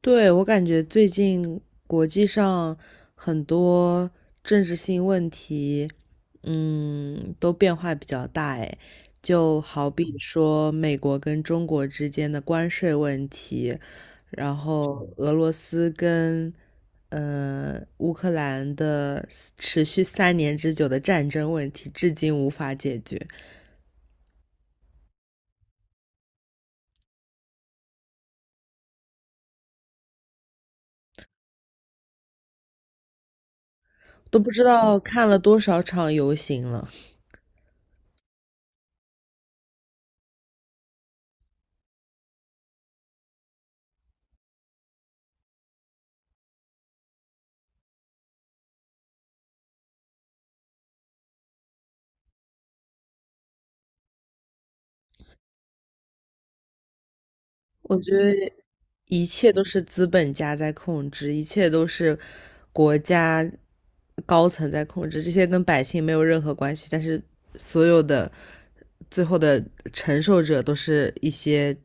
对，我感觉最近国际上很多政治性问题，都变化比较大诶，就好比说美国跟中国之间的关税问题，然后俄罗斯跟乌克兰的持续3年之久的战争问题，至今无法解决，都不知道看了多少场游行了。我觉得一切都是资本家在控制，一切都是国家高层在控制，这些跟百姓没有任何关系。但是所有的最后的承受者都是一些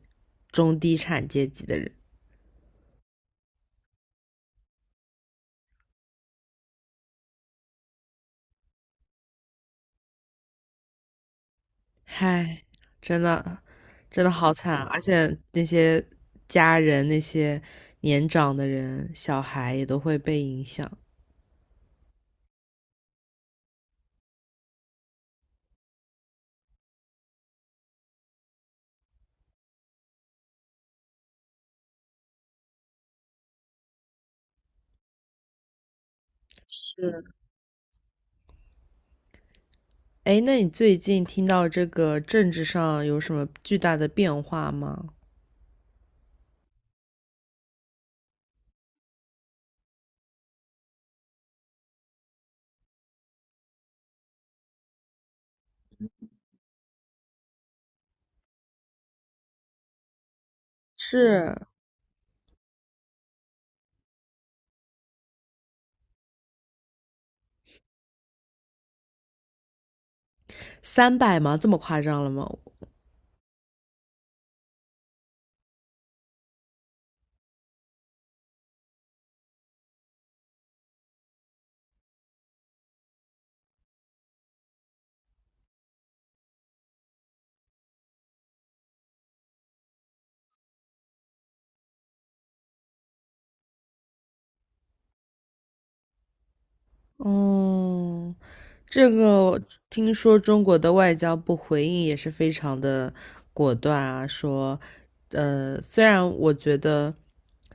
中低产阶级的人。唉，真的真的好惨啊，而且那些家人、那些年长的人、小孩也都会被影响。是，哎，那你最近听到这个政治上有什么巨大的变化吗？是，300吗？这么夸张了吗？嗯，这个听说中国的外交部回应也是非常的果断啊，说，虽然我觉得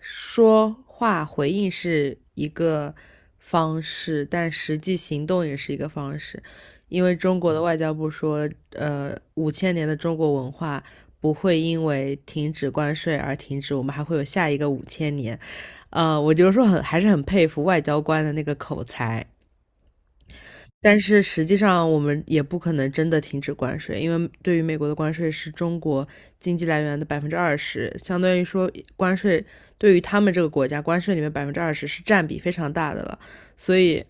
说话回应是一个方式，但实际行动也是一个方式，因为中国的外交部说，五千年的中国文化不会因为停止关税而停止，我们还会有下一个五千年，我就说还是很佩服外交官的那个口才。但是实际上，我们也不可能真的停止关税，因为对于美国的关税是中国经济来源的百分之二十，相当于说关税对于他们这个国家，关税里面百分之二十是占比非常大的了。所以，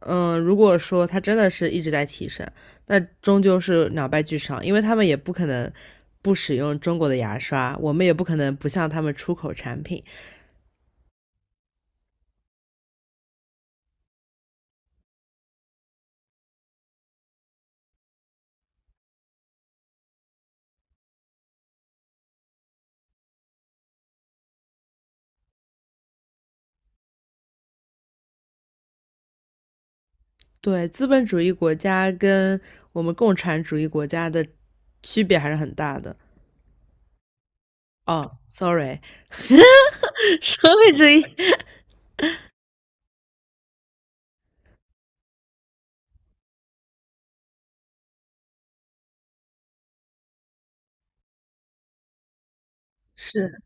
如果说它真的是一直在提升，那终究是两败俱伤，因为他们也不可能不使用中国的牙刷，我们也不可能不向他们出口产品。对，资本主义国家跟我们共产主义国家的区别还是很大的。哦，sorry，社会主义是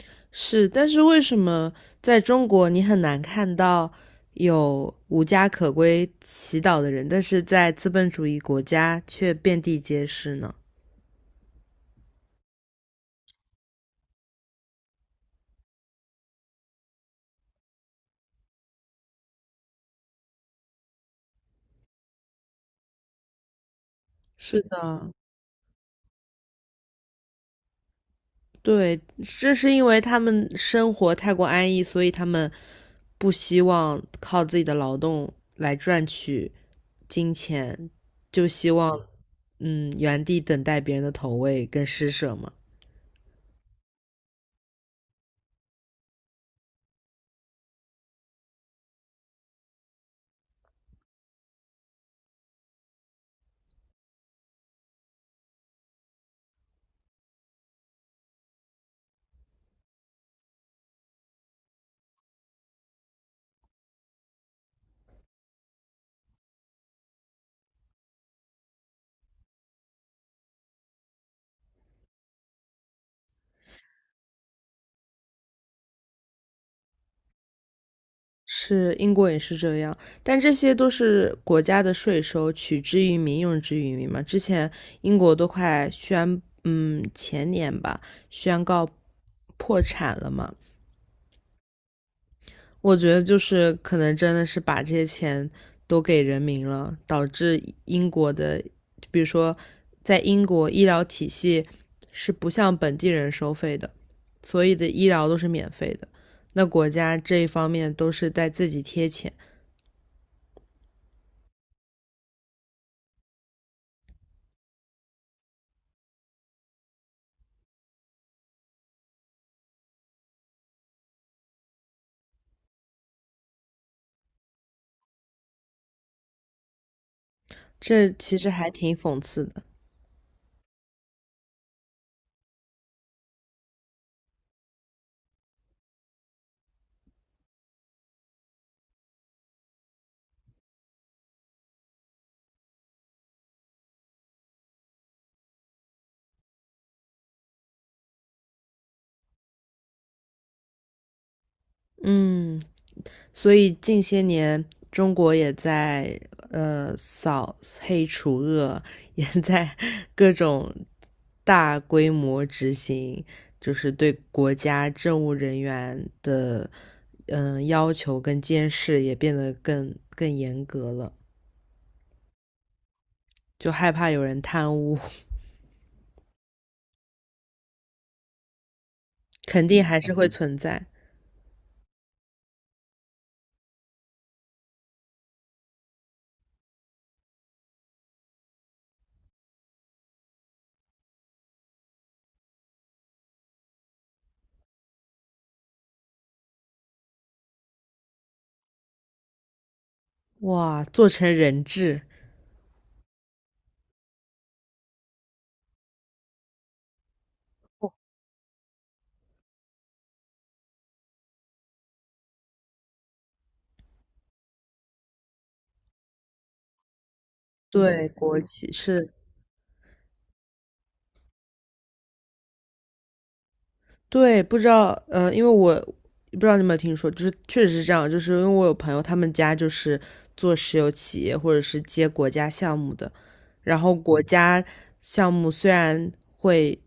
是，但是为什么在中国你很难看到有无家可归祈祷的人，但是在资本主义国家却遍地皆是呢？是的，对，这是因为他们生活太过安逸，所以他们不希望靠自己的劳动来赚取金钱，就希望原地等待别人的投喂跟施舍嘛。是英国也是这样，但这些都是国家的税收，取之于民，用之于民嘛。之前英国都快宣，前年吧，宣告破产了嘛。我觉得就是可能真的是把这些钱都给人民了，导致英国的，比如说在英国医疗体系是不向本地人收费的，所以的医疗都是免费的。那国家这一方面都是在自己贴钱。这其实还挺讽刺的，嗯，所以近些年中国也在扫黑除恶，也在各种大规模执行，就是对国家政务人员的要求跟监视也变得更严格了，就害怕有人贪污，肯定还是会存在。哇，做成人质，对国企是。对，不知道，因为我不知道你有没有听说，就是确实是这样，就是因为我有朋友，他们家就是做石油企业或者是接国家项目的，然后国家项目虽然会，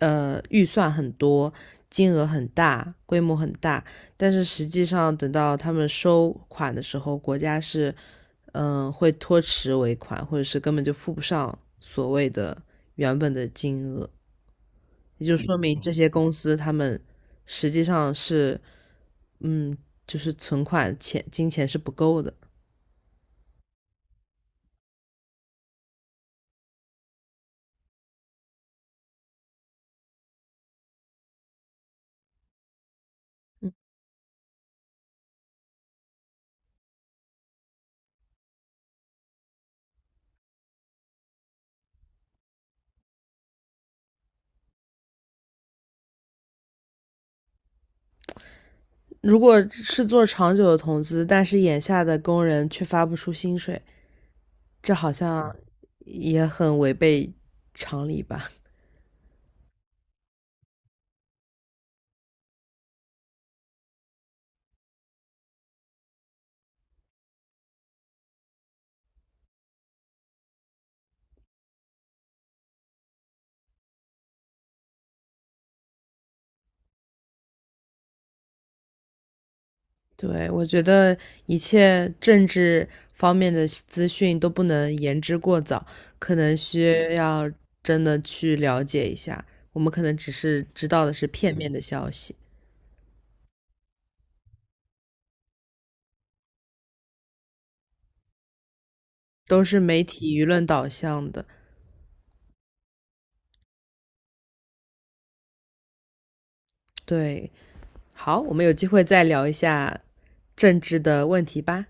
预算很多，金额很大，规模很大，但是实际上等到他们收款的时候，国家是，会拖迟尾款，或者是根本就付不上所谓的原本的金额。也就说明这些公司他们实际上是，嗯，就是存款钱金钱是不够的。如果是做长久的投资，但是眼下的工人却发不出薪水，这好像也很违背常理吧？对，我觉得一切政治方面的资讯都不能言之过早，可能需要真的去了解一下。我们可能只是知道的是片面的消息。都是媒体舆论导向的。对，好，我们有机会再聊一下政治的问题吧。